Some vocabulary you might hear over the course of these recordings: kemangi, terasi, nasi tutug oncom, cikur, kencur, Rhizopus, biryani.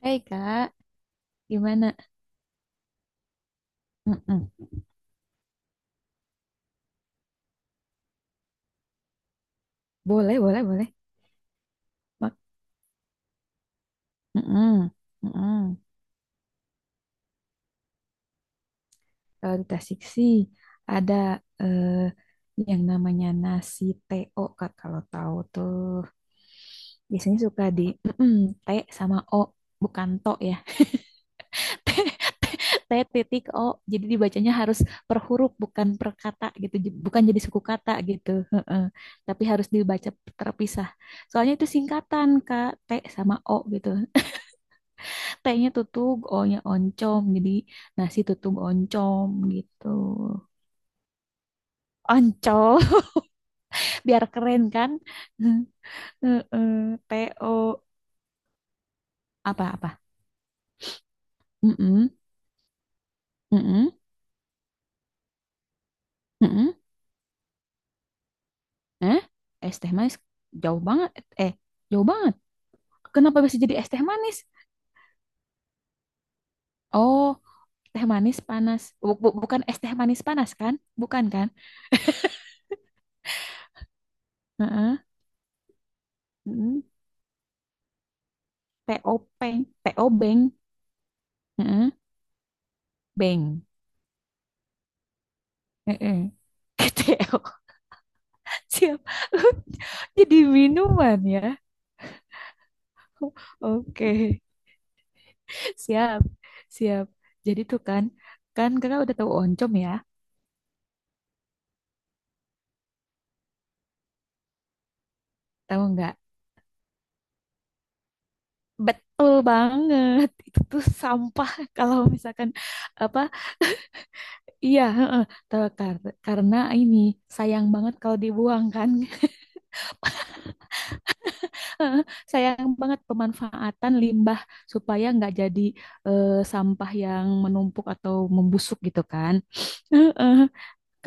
Hei kak, gimana? Mm-mm. Boleh, boleh, boleh. Mak mm-mm, mm-mm. Kalau di Tasik sih ada eh, yang namanya nasi TO kak. Kalau tahu tuh biasanya suka di T sama O, bukan to ya. T, T titik O. Jadi dibacanya harus per huruf, bukan per kata gitu. Bukan jadi suku kata gitu. Heeh. Tapi harus dibaca terpisah. Soalnya itu singkatan kak, T sama O gitu. T-nya tutug, O-nya oncom. Jadi nasi tutug oncom gitu. Oncom, biar keren kan? Heeh, T-O apa-apa? Mm-mm, mm-mm, mm-mm. Eh, es teh manis jauh banget. Eh, jauh banget. Kenapa bisa jadi es teh manis? Oh, teh manis panas. Bukan es teh manis panas kan? Bukan kan? Heeh. Mm-mm. T-O-P, T-O-Beng. Heeh, Beng. Heeh. T O siap. Jadi minuman ya. Oke. Siap. Siap. Jadi tuh kan, kan kakak udah tahu oncom ya. Tahu nggak? Betul banget. Itu tuh sampah kalau misalkan apa? Iya, heeh. Tahu karena ini sayang banget kalau dibuang kan. Sayang banget pemanfaatan limbah supaya nggak jadi eh, sampah yang menumpuk atau membusuk gitu kan. Heeh.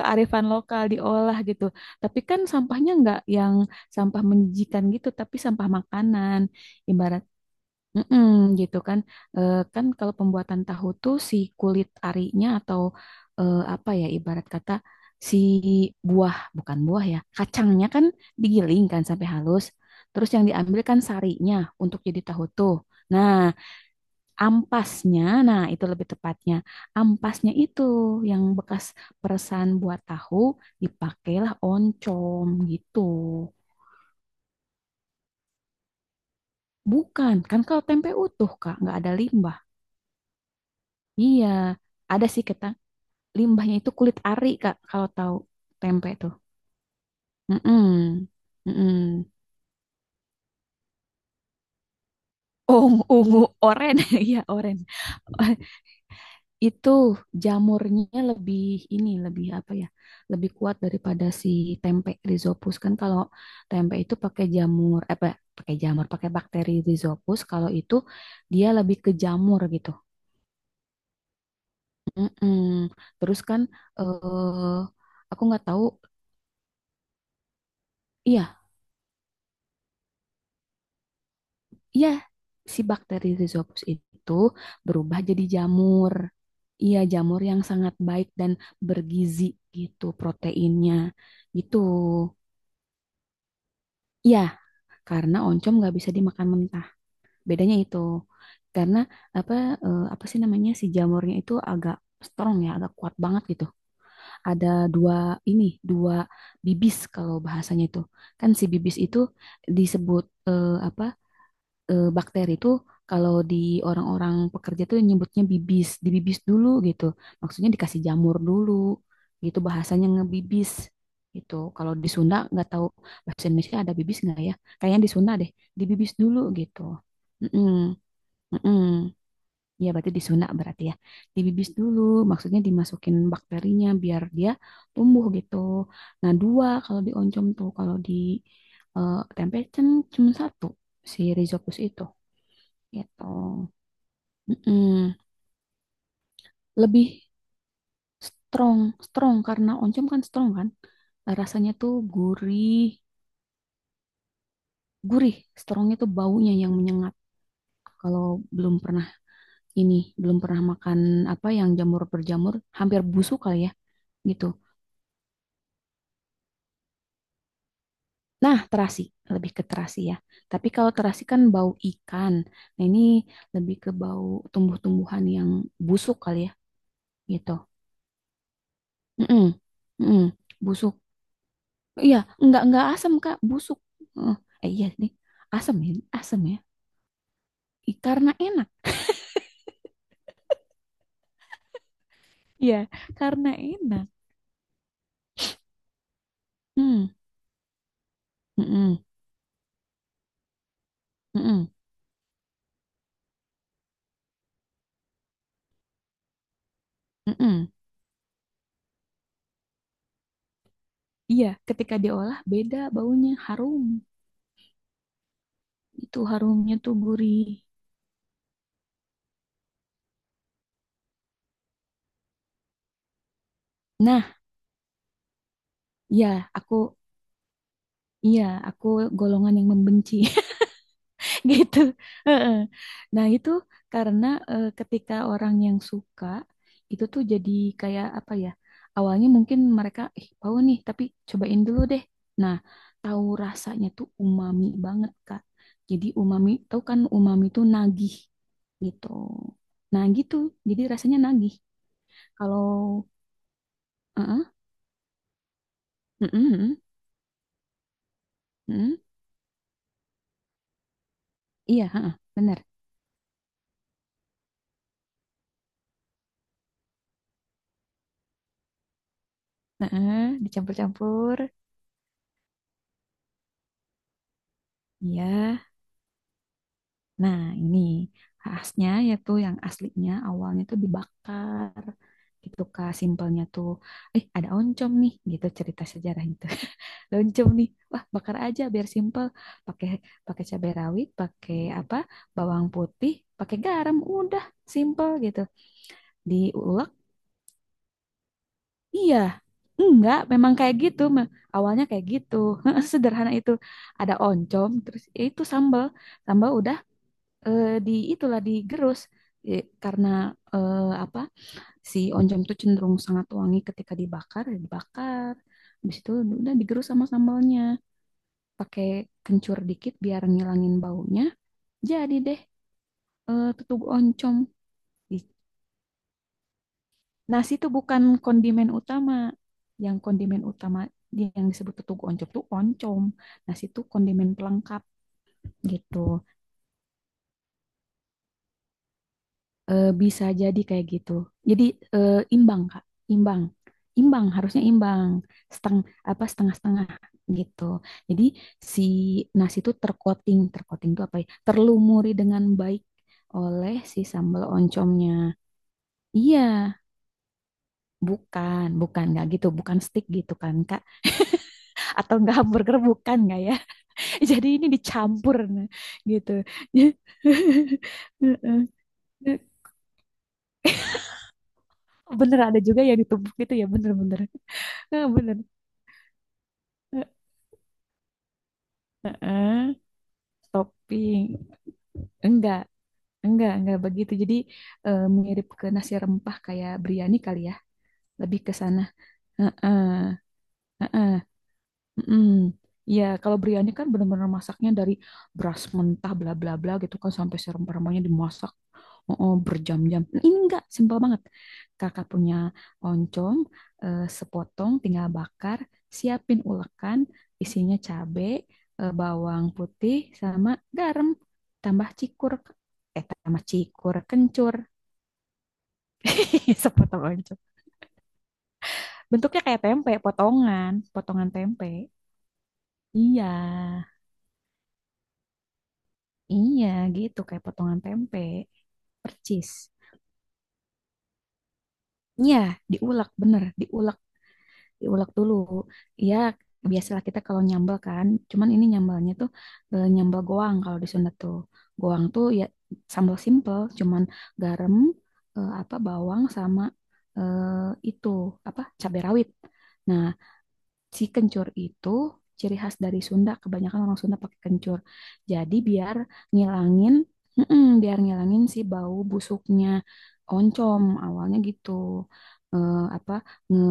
Kearifan lokal diolah gitu. Tapi kan sampahnya nggak yang sampah menjijikan gitu, tapi sampah makanan. Ibarat mm-mm, gitu kan. Eh, kan kalau pembuatan tahu tuh si kulit arinya atau apa ya ibarat kata si buah, bukan buah ya, kacangnya kan digiling kan sampai halus. Terus yang diambil kan sarinya untuk jadi tahu tuh. Nah, ampasnya, nah itu lebih tepatnya. Ampasnya itu yang bekas peresan buat tahu dipakailah oncom gitu. Bukan, kan kalau tempe utuh Kak, nggak ada limbah. Iya, ada sih kita limbahnya itu kulit ari Kak, kalau tahu tempe tuh. Mm-mm. Mm-mm. Ungu, ungu, oren, iya oren. Itu jamurnya lebih ini lebih apa ya lebih kuat daripada si tempe rizopus kan kalau tempe itu pakai jamur eh, pakai jamur pakai bakteri rizopus kalau itu dia lebih ke jamur gitu. Mm-mm. Terus kan eh aku nggak tahu iya iya si bakteri rizopus itu berubah jadi jamur iya jamur yang sangat baik dan bergizi gitu proteinnya gitu. Iya, karena oncom nggak bisa dimakan mentah. Bedanya itu karena apa apa sih namanya si jamurnya itu agak strong ya, agak kuat banget gitu. Ada dua ini dua bibis kalau bahasanya itu kan si bibis itu disebut eh, bakteri itu kalau di orang-orang pekerja tuh nyebutnya bibis, dibibis dulu gitu. Maksudnya dikasih jamur dulu gitu bahasanya ngebibis gitu. Kalau di Sunda nggak tahu bahasa Indonesia ada bibis nggak ya? Kayaknya di Sunda deh, dibibis dulu gitu. Mm-mm, mm-mm. Ya berarti di Sunda berarti ya. Dibibis dulu, maksudnya dimasukin bakterinya biar dia tumbuh gitu. Nah, dua kalau di oncom tuh, kalau di tempe cuma satu si Rhizopus itu gitu. Mm-mm. Lebih strong, strong karena oncom kan strong kan. Rasanya tuh gurih, gurih. Strongnya tuh baunya yang menyengat. Kalau belum pernah ini, belum pernah makan apa yang jamur berjamur, hampir busuk kali ya gitu. Nah, terasi, lebih ke terasi ya. Tapi kalau terasi kan bau ikan. Nah, ini lebih ke bau tumbuh-tumbuhan yang busuk kali ya gitu. Mm-mm. Mm-mm. Busuk. Iya, enggak asam Kak, busuk. Heeh. Eh, iya nih, asam ya, asam ya. Ih, karena enak. Iya, karena enak. Hmm, mm-mm, mm-mm, mm-mm. Iya, ketika diolah beda baunya, harum. Itu harumnya tuh gurih. Nah, ya aku, iya aku golongan yang membenci gitu. Heeh. Nah, itu karena ketika orang yang suka itu tuh jadi kayak apa ya? Awalnya mungkin mereka ih tahu nih, tapi cobain dulu deh. Nah, tahu rasanya tuh umami banget, Kak. Jadi umami, tahu kan umami tuh nagih gitu. Nah, gitu. Jadi rasanya nagih. Kalau heeh, heeh, heeh, heeh. Iya, heeh, benar. Heeh, dicampur-campur. Iya. Nah, ini khasnya yaitu yang aslinya awalnya tuh dibakar gitu Kak, simpelnya tuh ada oncom nih gitu cerita sejarah itu. Ada oncom nih. Wah, bakar aja biar simpel. Pakai pakai cabai rawit, pakai apa? Bawang putih, pakai garam, udah simpel gitu. Diulek. Iya. Enggak, memang kayak gitu. Ma. Awalnya kayak gitu. Sederhana itu. Ada oncom, terus ya itu sambal. Sambal udah di itulah digerus. Eh, karena eh, si oncom tuh cenderung sangat wangi ketika dibakar ya dibakar habis itu udah digerus sama sambalnya pakai kencur dikit biar ngilangin baunya jadi deh tutug oncom. Di- Nasi itu bukan kondimen utama yang kondimen utama yang disebut tutug oncom tuh oncom nasi itu kondimen pelengkap gitu. Eh, bisa jadi kayak gitu. Jadi imbang Kak, imbang. Imbang harusnya imbang. Seteng apa setengah-setengah gitu. Jadi si nasi itu tercoating, tercoating itu apa ya? Terlumuri dengan baik oleh si sambal oncomnya. Iya, bukan, bukan nggak gitu, bukan stick gitu kan Kak? Atau nggak hamburger bukan nggak ya? Jadi ini dicampur nah, gitu. Heeh. Bener ada juga yang ditumbuk gitu ya, bener-bener. Eh, bener. Eh, eh, eh, Topping. Enggak, enggak begitu. Jadi mirip ke nasi rempah kayak biryani kali ya. Lebih ke sana. Heeh, heeh. Mm-mm. Iya, kalau biryani kan benar-benar masaknya dari beras mentah bla bla bla gitu kan sampai serem-seremnya dimasak oh, berjam-jam. Nah, ini enggak, simpel banget. Kakak punya oncom sepotong tinggal bakar, siapin ulekan, isinya cabe, bawang putih sama garam. Tambah cikur. Eh, tambah cikur, kencur. Sepotong oncom. Bentuknya kayak tempe, potongan, potongan tempe. Iya. Iya gitu kayak potongan tempe, percis. Iya diulek bener, diulek, diulek dulu. Iya biasalah kita kalau nyambel kan, cuman ini nyambalnya tuh nyambel goang kalau di Sunda tuh. Goang tuh ya sambal simple, cuman garam, eh, bawang sama eh, itu apa cabai rawit. Nah si kencur itu ciri khas dari Sunda. Kebanyakan orang Sunda pakai kencur. Jadi biar ngilangin, mm-mm, biar ngilangin si bau busuknya oncom. Awalnya gitu. Eh, apa nge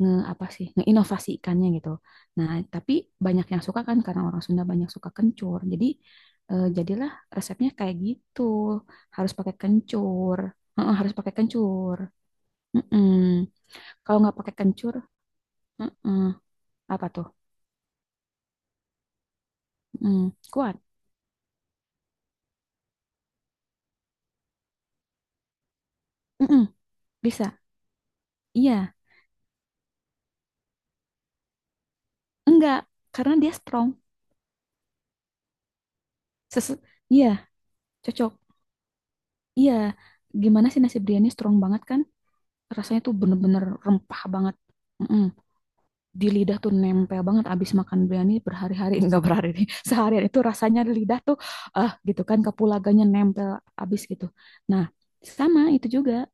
nge apa sih ngeinovasikannya gitu. Nah, tapi banyak yang suka kan karena orang Sunda banyak suka kencur. Jadi jadilah resepnya kayak gitu. Harus pakai kencur. Heeh, harus pakai kencur. Mm-mm. Kalau nggak pakai kencur, mm-mm. Apa tuh? Mm, kuat. Mm-mm, bisa. Iya. Enggak. Karena dia strong. Sesu- iya. Cocok. Iya. Gimana sih nasi biryani strong banget kan? Rasanya tuh bener-bener rempah banget. Mm-mm. Di lidah tuh nempel banget. Abis makan biryani berhari-hari. Enggak berhari nih. Seharian itu rasanya di lidah tuh. Ah gitu kan. Kapulagannya nempel abis gitu. Nah. Sama itu juga.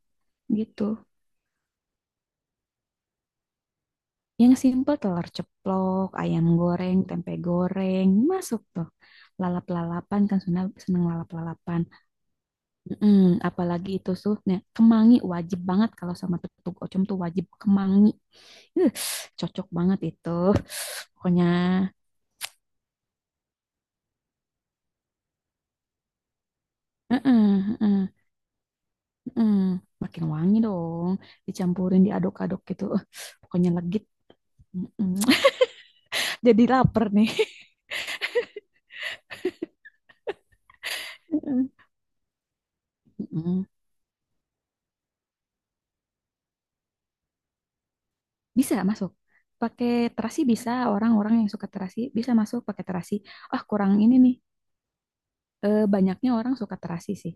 Gitu. Yang simple telur ceplok, ayam goreng, tempe goreng, masuk tuh. Lalap-lalapan kan seneng, seneng lalap-lalapan. Mm-mm, apalagi itu tuh, nah, kemangi wajib banget kalau sama tutug ocom tuh wajib kemangi. Uh, cocok banget itu. Pokoknya, mm-mm, mm-mm, mm-mm. Makin wangi dong, dicampurin, diaduk-aduk gitu. Pokoknya legit. Mm-mm. Jadi lapar nih. Mm-mm. Bisa masuk. Pakai terasi bisa, orang-orang yang suka terasi bisa masuk pakai terasi. Ah, kurang ini nih. Eh, banyaknya orang suka terasi sih.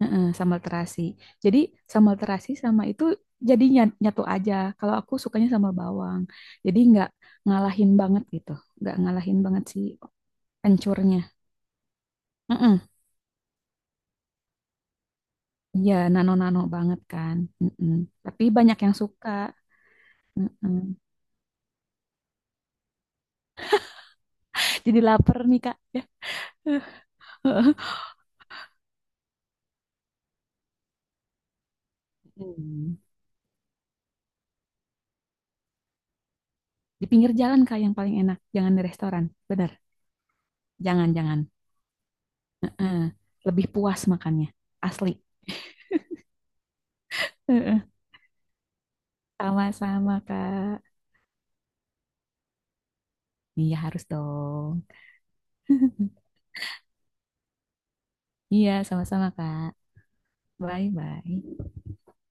Heeh, sambal terasi. Jadi sambal terasi sama itu jadi nyatu aja. Kalau aku sukanya sambal bawang. Jadi nggak ngalahin banget gitu. Nggak ngalahin banget si pencurnya. Heeh. Iya, nano-nano banget kan. Heeh. Tapi banyak yang suka. Heeh. Jadi lapar nih, Kak. Ya. Hmm. Di pinggir jalan Kak yang paling enak, jangan di restoran. Benar, jangan jangan. Heeh. Lebih puas makannya, asli. Heeh. Sama-sama Kak. Iya harus dong. Iya sama-sama Kak. Bye bye.